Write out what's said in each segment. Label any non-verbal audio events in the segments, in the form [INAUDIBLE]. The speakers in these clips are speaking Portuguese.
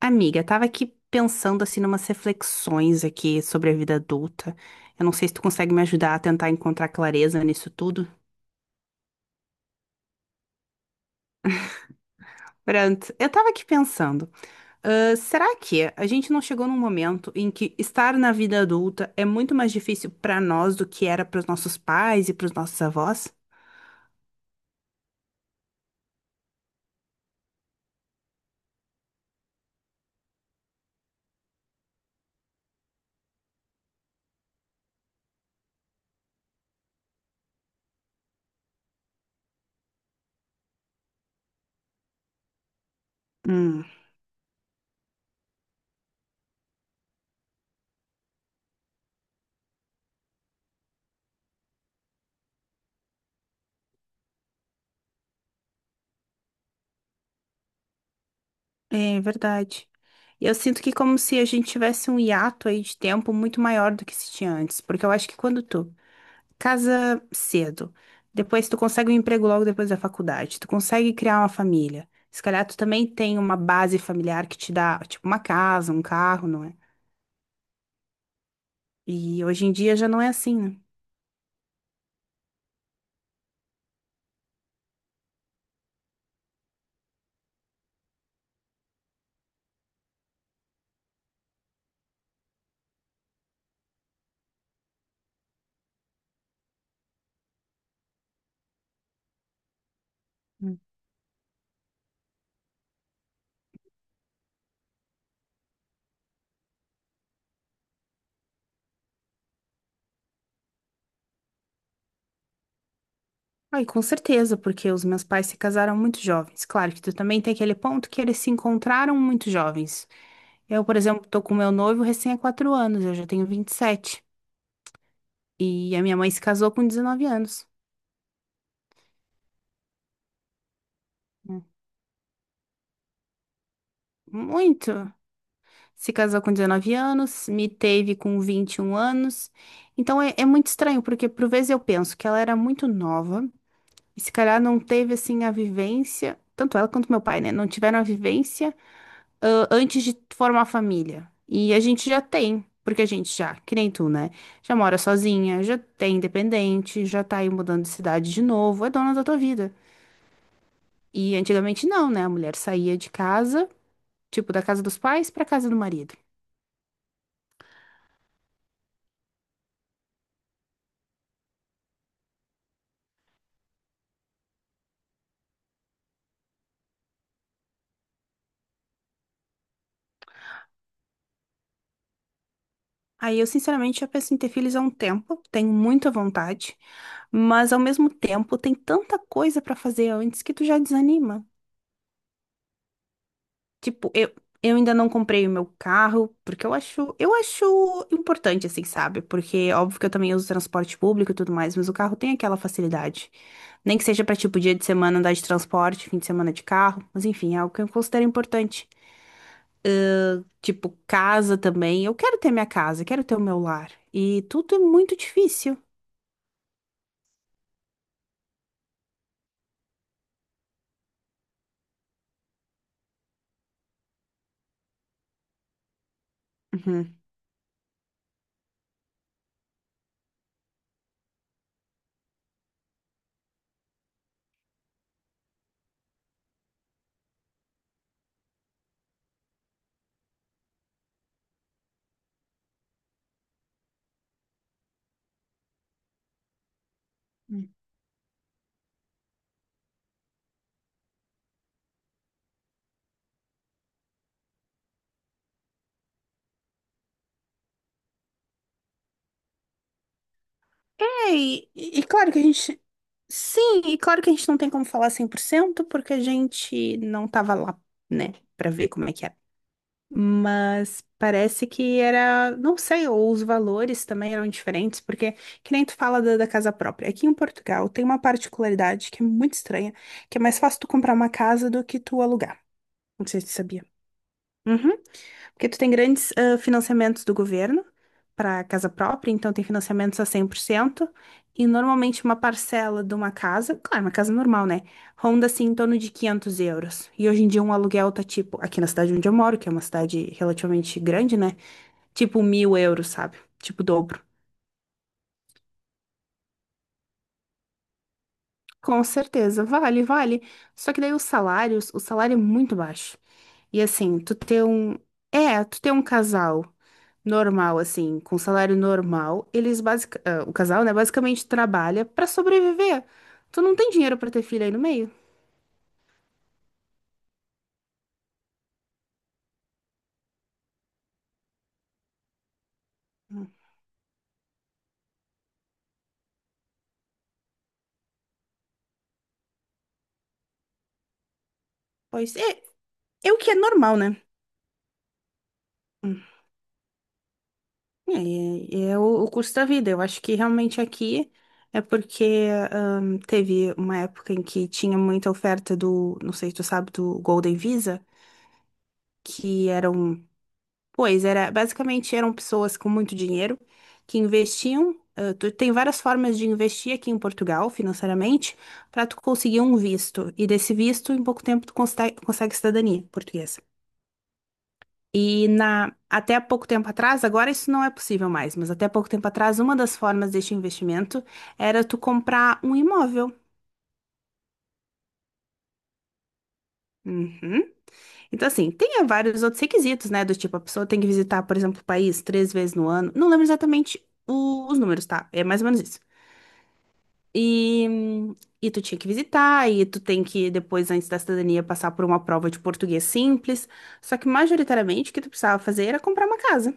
Amiga, tava aqui pensando assim numas reflexões aqui sobre a vida adulta. Eu não sei se tu consegue me ajudar a tentar encontrar clareza nisso tudo. Pronto, eu tava aqui pensando, ah, será que a gente não chegou num momento em que estar na vida adulta é muito mais difícil pra nós do que era pros nossos pais e pros nossos avós? Hum, é verdade. Eu sinto que como se a gente tivesse um hiato aí de tempo muito maior do que se tinha antes, porque eu acho que quando tu casa cedo. Depois tu consegue um emprego logo depois da faculdade. Tu consegue criar uma família. Se calhar tu também tem uma base familiar que te dá, tipo, uma casa, um carro, não é? E hoje em dia já não é assim, né? Hum. Ah, e com certeza, porque os meus pais se casaram muito jovens. Claro que tu também tem aquele ponto que eles se encontraram muito jovens. Eu, por exemplo, tô com meu noivo recém há 4 anos, eu já tenho 27 e a minha mãe se casou com 19 anos. Hum. Muito. Se casou com 19 anos, me teve com 21 anos. Então é muito estranho, porque por vezes eu penso que ela era muito nova, e se calhar não teve assim a vivência, tanto ela quanto meu pai, né? Não tiveram a vivência antes de formar família. E a gente já tem, porque a gente já, que nem tu, né? Já mora sozinha, já é independente, já tá aí mudando de cidade de novo, é dona da tua vida. E antigamente não, né? A mulher saía de casa, tipo, da casa dos pais pra casa do marido. Aí eu sinceramente já penso em ter filhos há um tempo, tenho muita vontade, mas ao mesmo tempo tem tanta coisa pra fazer antes que tu já desanima. Tipo, eu ainda não comprei o meu carro, porque eu acho importante assim, sabe? Porque óbvio que eu também uso transporte público e tudo mais, mas o carro tem aquela facilidade. Nem que seja pra tipo dia de semana andar de transporte, fim de semana de carro, mas enfim, é algo que eu considero importante. Tipo, casa também. Eu quero ter minha casa, quero ter o meu lar. E tudo é muito difícil. Uhum. É, e claro que a gente. Sim, e claro que a gente não tem como falar 100% porque a gente não tava lá, né, pra ver como é que era. Mas parece que era, não sei, ou os valores também eram diferentes, porque que nem tu fala da casa própria. Aqui em Portugal tem uma particularidade que é muito estranha, que é mais fácil tu comprar uma casa do que tu alugar. Não sei se tu sabia. Uhum. Porque tu tem grandes financiamentos do governo para casa própria, então tem financiamentos a 100% e normalmente uma parcela de uma casa, claro, uma casa normal, né? Ronda assim em torno de €500. E hoje em dia um aluguel tá tipo, aqui na cidade onde eu moro, que é uma cidade relativamente grande, né? Tipo €1000, sabe? Tipo o dobro. Com certeza, vale, vale. Só que daí os salários, o salário é muito baixo. E assim, tu ter um. É, tu ter um casal normal, assim, com salário normal, eles o casal, né, basicamente trabalha pra sobreviver. Tu não tem dinheiro pra ter filho aí no meio? Pois é, é o que é normal, né? É, é o custo da vida. Eu acho que realmente aqui é porque teve uma época em que tinha muita oferta do, não sei se tu sabe, do Golden Visa, que eram pois era, basicamente eram pessoas com muito dinheiro que investiam. Tem várias formas de investir aqui em Portugal financeiramente para tu conseguir um visto. E desse visto, em pouco tempo, tu consegue cidadania portuguesa. E até pouco tempo atrás, agora isso não é possível mais, mas até pouco tempo atrás, uma das formas deste investimento era tu comprar um imóvel. Uhum. Então, assim, tem vários outros requisitos, né? Do tipo, a pessoa tem que visitar, por exemplo, o país 3 vezes no ano. Não lembro exatamente os números, tá? É mais ou menos isso. E, e tu tinha que visitar, e tu tem que, depois, antes da cidadania, passar por uma prova de português simples. Só que, majoritariamente, o que tu precisava fazer era comprar uma casa.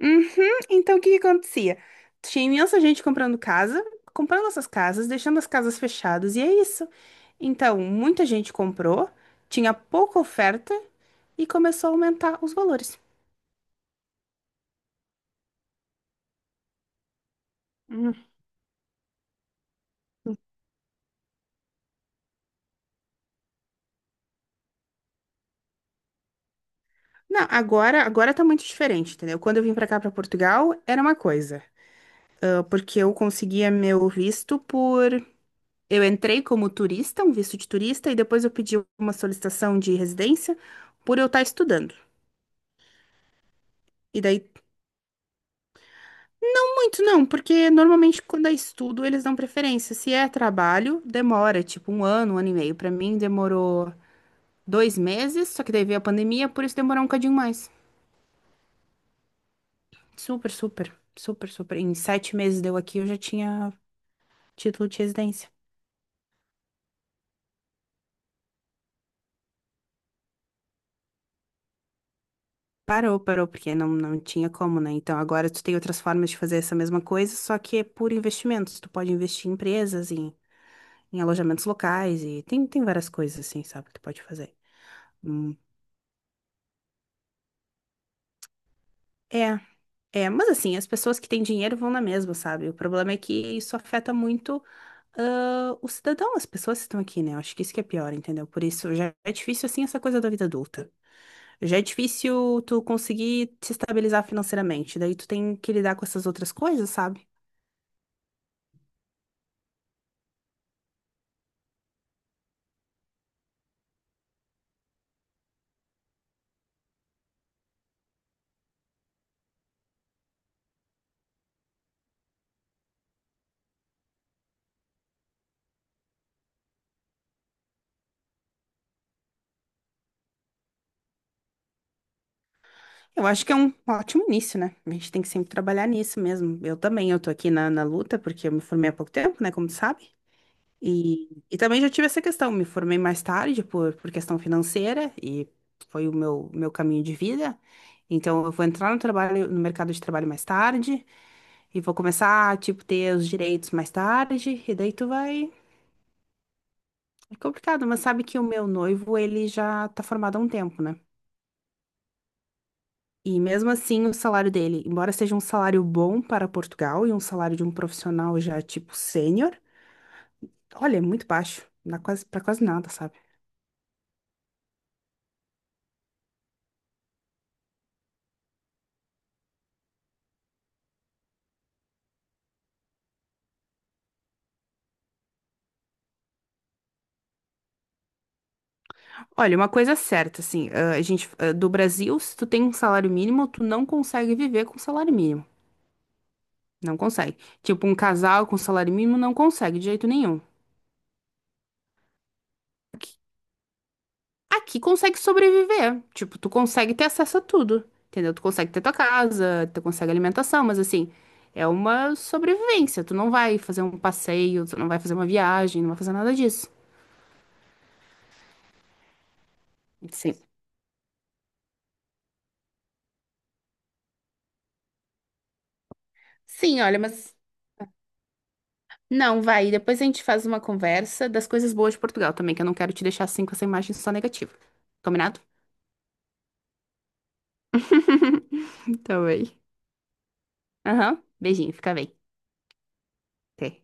Uhum, então, o que que acontecia? Tinha imensa gente comprando casa, comprando essas casas, deixando as casas fechadas, e é isso. Então, muita gente comprou, tinha pouca oferta, e começou a aumentar os valores. Hum. Não, agora tá muito diferente, entendeu? Quando eu vim pra cá, pra Portugal, era uma coisa. Porque eu conseguia meu visto por. Eu entrei como turista, um visto de turista, e depois eu pedi uma solicitação de residência por eu estar estudando. E daí, muito não, porque normalmente quando é estudo eles dão preferência. Se é trabalho, demora, tipo um ano e meio. Pra mim demorou 2 meses, só que daí veio a pandemia, por isso demorou um cadinho mais. Super, super, super, super. Em 7 meses deu aqui, eu já tinha título de residência. Parou, parou, porque não, não tinha como, né? Então agora tu tem outras formas de fazer essa mesma coisa, só que é por investimentos. Tu pode investir em empresas, em alojamentos locais, e tem várias coisas assim, sabe, que tu pode fazer. Hum. É, é, mas assim, as pessoas que têm dinheiro vão na mesma, sabe? O problema é que isso afeta muito o cidadão, as pessoas que estão aqui, né? Eu acho que isso que é pior, entendeu? Por isso já é difícil assim essa coisa da vida adulta. Já é difícil tu conseguir se estabilizar financeiramente, daí tu tem que lidar com essas outras coisas, sabe? Eu acho que é um ótimo início, né? A gente tem que sempre trabalhar nisso mesmo. Eu também, eu tô aqui na luta, porque eu me formei há pouco tempo, né? Como tu sabe. E também já tive essa questão, me formei mais tarde por questão financeira e foi o meu caminho de vida. Então eu vou entrar no trabalho, no mercado de trabalho mais tarde e vou começar a, tipo, ter os direitos mais tarde e daí tu vai... É complicado, mas sabe que o meu noivo, ele já tá formado há um tempo, né? E mesmo assim, o salário dele, embora seja um salário bom para Portugal e um salário de um profissional já, tipo, sênior, olha, é muito baixo, não dá quase, para quase nada, sabe? Olha, uma coisa é certa, assim, a gente, do Brasil, se tu tem um salário mínimo, tu não consegue viver com salário mínimo. Não consegue. Tipo, um casal com salário mínimo não consegue de jeito nenhum. Aqui, aqui consegue sobreviver. Tipo, tu consegue ter acesso a tudo. Entendeu? Tu consegue ter tua casa, tu consegue alimentação, mas assim, é uma sobrevivência. Tu não vai fazer um passeio, tu não vai fazer uma viagem, não vai fazer nada disso. Sim. Sim, olha, mas. Não, vai. Depois a gente faz uma conversa das coisas boas de Portugal também, que eu não quero te deixar assim com essa imagem só negativa. Combinado? [LAUGHS] Tá bem. Aham. Beijinho, fica bem. Até.